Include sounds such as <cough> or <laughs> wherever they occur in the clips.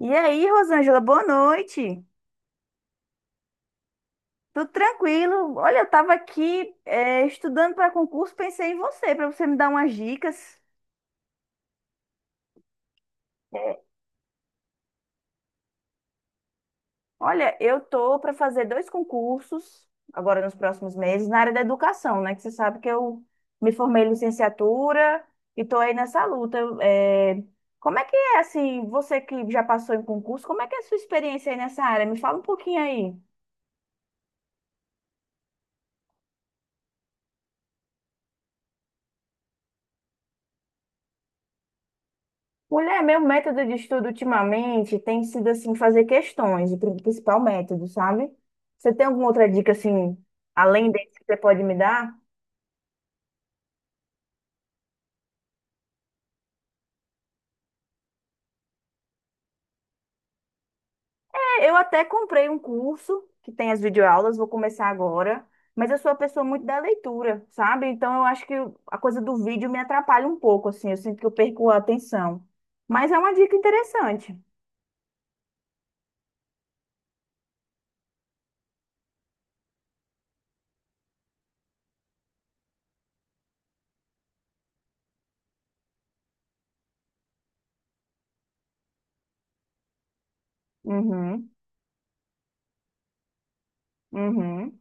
E aí, Rosângela, boa noite. Tudo tranquilo? Olha, eu estava aqui estudando para concurso, pensei em você, para você me dar umas dicas. Olha, eu tô para fazer dois concursos agora nos próximos meses na área da educação, né? Que você sabe que eu me formei em licenciatura e tô aí nessa luta. Como é que é assim? Você que já passou em concurso, como é que é a sua experiência aí nessa área? Me fala um pouquinho aí. Mulher, meu método de estudo ultimamente tem sido assim fazer questões, o principal método, sabe? Você tem alguma outra dica assim, além desse que você pode me dar? É, eu até comprei um curso que tem as videoaulas, vou começar agora, mas eu sou uma pessoa muito da leitura, sabe? Então eu acho que a coisa do vídeo me atrapalha um pouco, assim, eu sinto que eu perco a atenção. Mas é uma dica interessante. Uhum, uhum.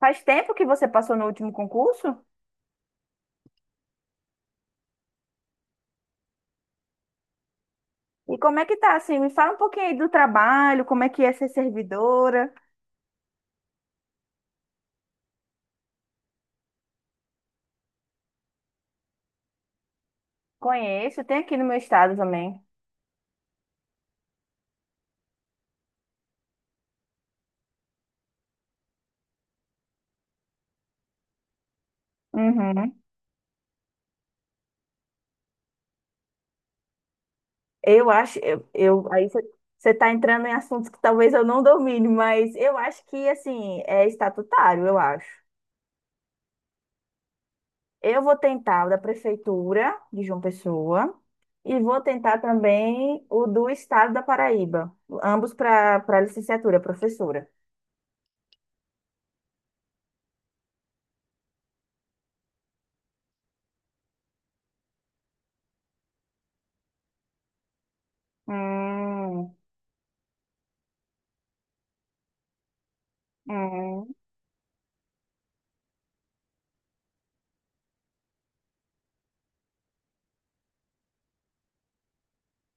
Faz tempo que você passou no último concurso? E como é que tá, assim? Me fala um pouquinho aí do trabalho, como é que é ser servidora. Conheço, tem aqui no meu estado também. Uhum. Eu acho, aí você está entrando em assuntos que talvez eu não domine, mas eu acho que, assim, é estatutário, eu acho. Eu vou tentar o da prefeitura de João Pessoa e vou tentar também o do estado da Paraíba, ambos para para licenciatura, professora. Hum, hum,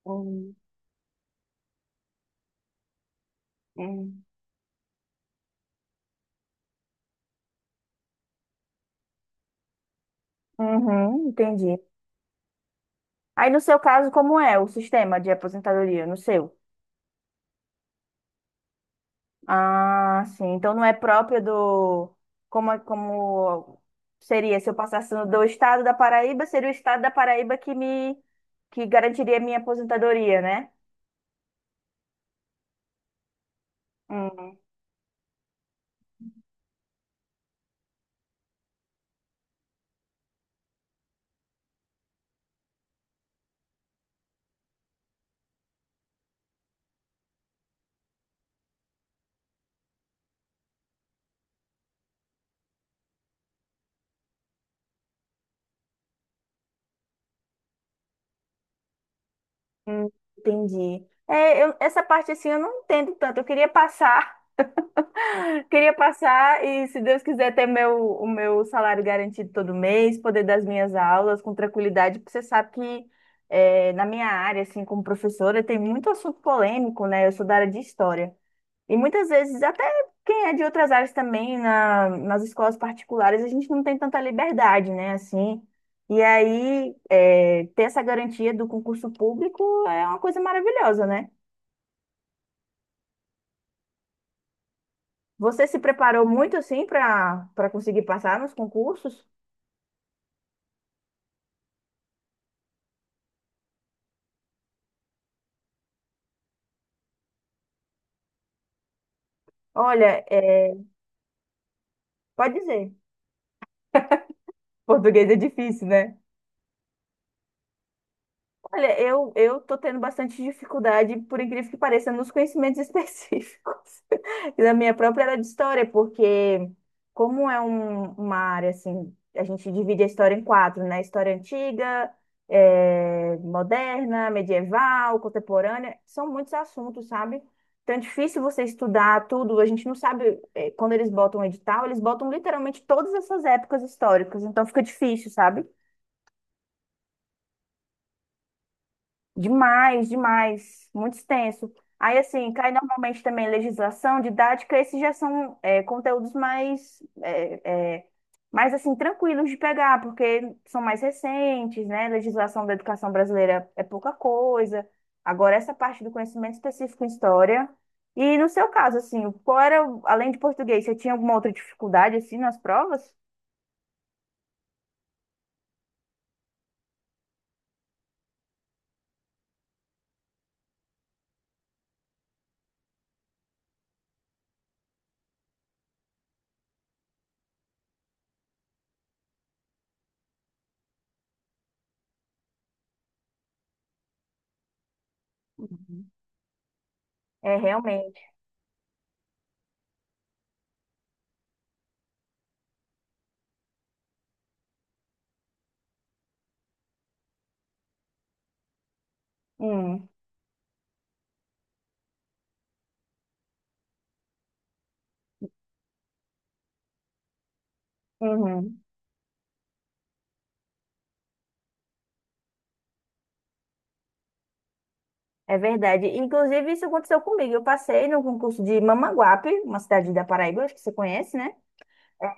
hum, hum. Uhum, entendi. Aí no seu caso, como é o sistema de aposentadoria? No seu? Ah, sim. Então não é próprio do. Como seria? Se eu passasse do estado da Paraíba, seria o estado da Paraíba que me que garantiria a minha aposentadoria, né? Hum, hum, entendi. Essa parte assim eu não entendo tanto. Eu queria passar. Queria passar e, se Deus quiser, ter meu, o meu salário garantido todo mês, poder dar as minhas aulas com tranquilidade, porque você sabe que na minha área, assim, como professora, tem muito assunto polêmico, né? Eu sou da área de história. E muitas vezes, até quem é de outras áreas também, nas escolas particulares, a gente não tem tanta liberdade, né? Assim. E aí, ter essa garantia do concurso público é uma coisa maravilhosa, né? Você se preparou muito, assim, para para conseguir passar nos concursos? Olha, é, pode dizer. Português é difícil, né? Olha, eu tô tendo bastante dificuldade, por incrível que pareça, nos conhecimentos <laughs> específicos. E da minha própria era de história, porque como é uma área assim, a gente divide a história em quatro, né? História antiga, moderna, medieval, contemporânea, são muitos assuntos, sabe? Então é difícil você estudar tudo, a gente não sabe, quando eles botam o edital, eles botam literalmente todas essas épocas históricas, então fica difícil, sabe? Demais, demais, muito extenso. Aí, assim, cai normalmente também legislação, didática, esses já são conteúdos mais, mais, assim, tranquilos de pegar, porque são mais recentes, né? Legislação da educação brasileira é pouca coisa. Agora, essa parte do conhecimento específico em história. E no seu caso, assim, qual era, além de português, você tinha alguma outra dificuldade, assim, nas provas? Uhum. É, realmente. Hum, uhum. É verdade. Inclusive, isso aconteceu comigo. Eu passei no concurso de Mamanguape, uma cidade da Paraíba, acho que você conhece, né?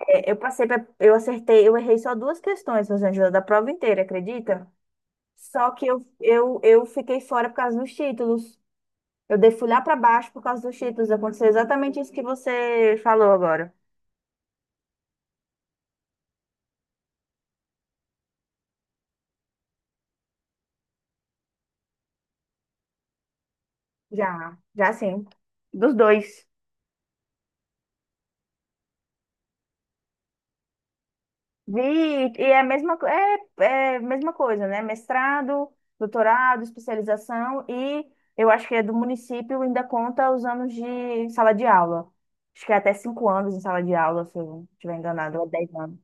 É, eu passei, eu acertei, eu errei só duas questões, Rosângela, da prova inteira, acredita? Só que eu fiquei fora por causa dos títulos. Eu dei fui lá para baixo por causa dos títulos. Aconteceu exatamente isso que você falou agora. Já, já sim. Dos dois. Vi, e é a mesma, é a mesma coisa, né? Mestrado, doutorado, especialização e eu acho que é do município ainda conta os anos de sala de aula. Acho que é até cinco anos em sala de aula, se eu não estiver enganado, ou 10 anos.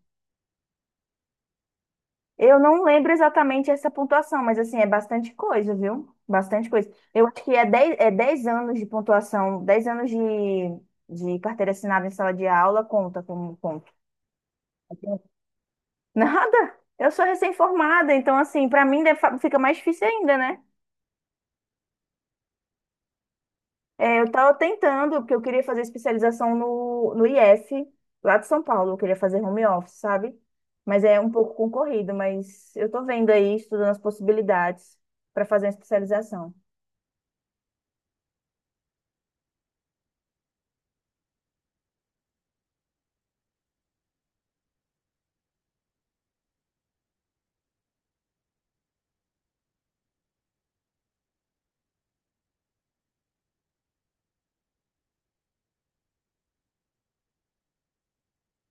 Eu não lembro exatamente essa pontuação, mas assim, é bastante coisa, viu? Bastante coisa. Eu acho que é 10 anos de pontuação, 10 anos de carteira assinada em sala de aula conta como ponto. Nada. Eu sou recém-formada, então, assim, para mim fica mais difícil ainda, né? É, eu tava tentando, porque eu queria fazer especialização no IF, lá de São Paulo. Eu queria fazer home office, sabe? Mas é um pouco concorrido, mas eu tô vendo aí, estudando as possibilidades para fazer uma especialização.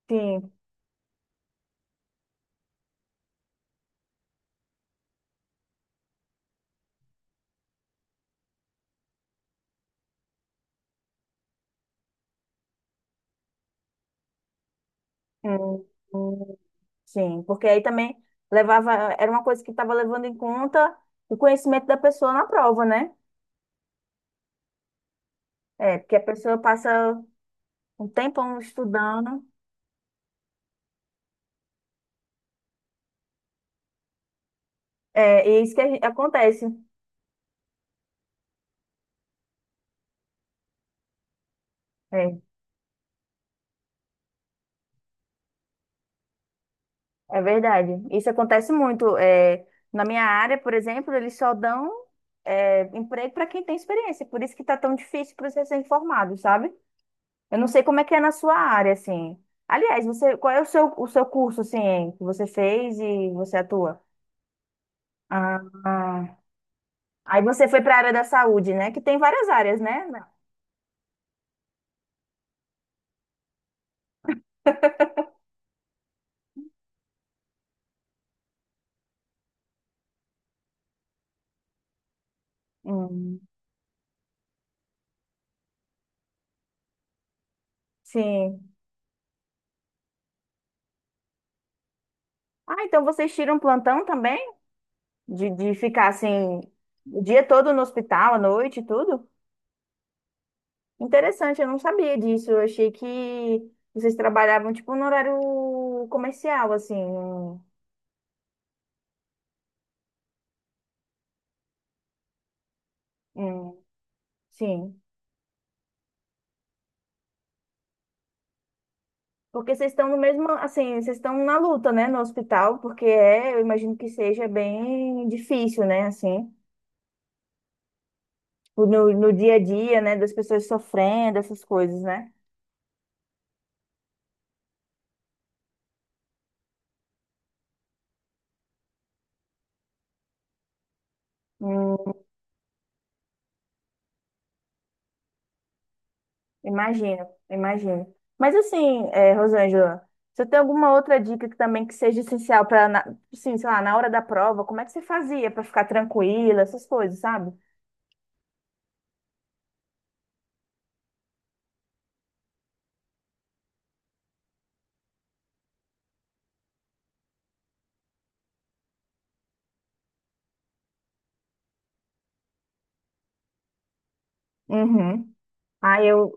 Sim. Hum, hum. Sim, porque aí também levava, era uma coisa que estava levando em conta o conhecimento da pessoa na prova, né? É, porque a pessoa passa um tempão estudando. É, e é isso que a acontece. É, é verdade. Isso acontece muito. É, na minha área, por exemplo, eles só dão emprego para quem tem experiência. Por isso que está tão difícil para os recém-formados, sabe? Eu não sei como é que é na sua área, assim. Aliás, você, qual é o seu curso, assim, que você fez e você atua? Ah, ah. Aí você foi para a área da saúde, né? Que tem várias áreas, né? Hum, sim. Ah, então vocês tiram plantão também? De ficar assim o dia todo no hospital, à noite e tudo? Interessante, eu não sabia disso. Eu achei que vocês trabalhavam tipo no horário comercial, assim. Um- sim. Porque vocês estão no mesmo, assim, vocês estão na luta, né, no hospital, porque é, eu imagino que seja bem difícil, né, assim, no dia a dia, né, das pessoas sofrendo, essas coisas, né? Imagino, imagino. Mas assim, é, Rosângela, você tem alguma outra dica que também que seja essencial para, sim, sei lá, na hora da prova, como é que você fazia para ficar tranquila, essas coisas, sabe? Uhum. Ah,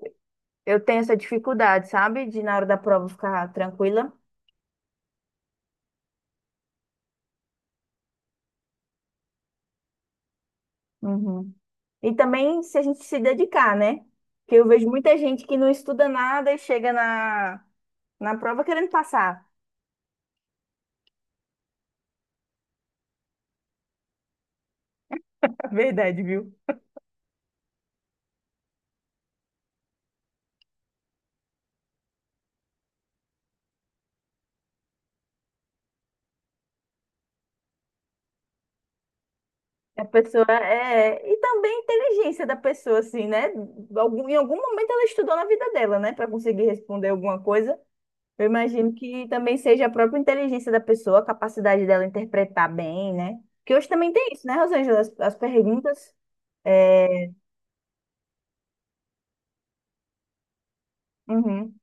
eu tenho essa dificuldade, sabe? De na hora da prova ficar tranquila. Uhum. E também se a gente se dedicar, né? Porque eu vejo muita gente que não estuda nada e chega na prova querendo passar. <laughs> É verdade, viu? A pessoa é. E também a inteligência da pessoa, assim, né? Em algum momento ela estudou na vida dela, né? Para conseguir responder alguma coisa. Eu imagino que também seja a própria inteligência da pessoa, a capacidade dela interpretar bem, né? Que hoje também tem isso, né, Rosângela? As perguntas. É... Uhum,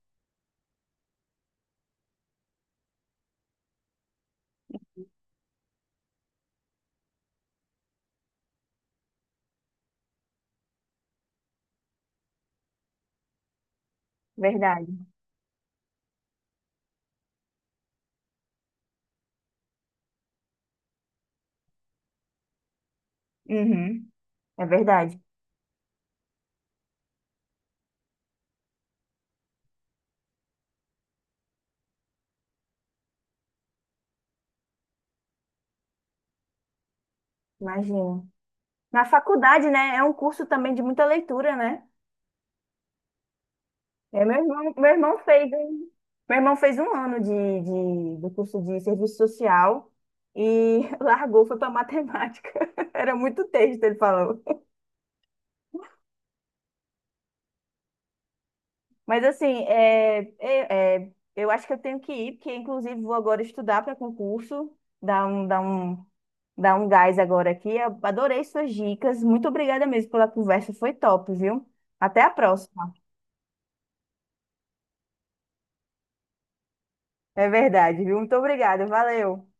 verdade. Uhum, é verdade. Imagino. Na faculdade, né? É um curso também de muita leitura, né? É, meu irmão fez, meu irmão fez um ano de, do curso de serviço social e <laughs> largou, foi para matemática. <laughs> Era muito texto, ele falou. Mas assim, eu acho que eu tenho que ir, porque inclusive vou agora estudar para concurso, dar um, dar um gás agora aqui. Eu adorei suas dicas. Muito obrigada mesmo pela conversa, foi top, viu? Até a próxima. É verdade, viu? Muito obrigada, valeu.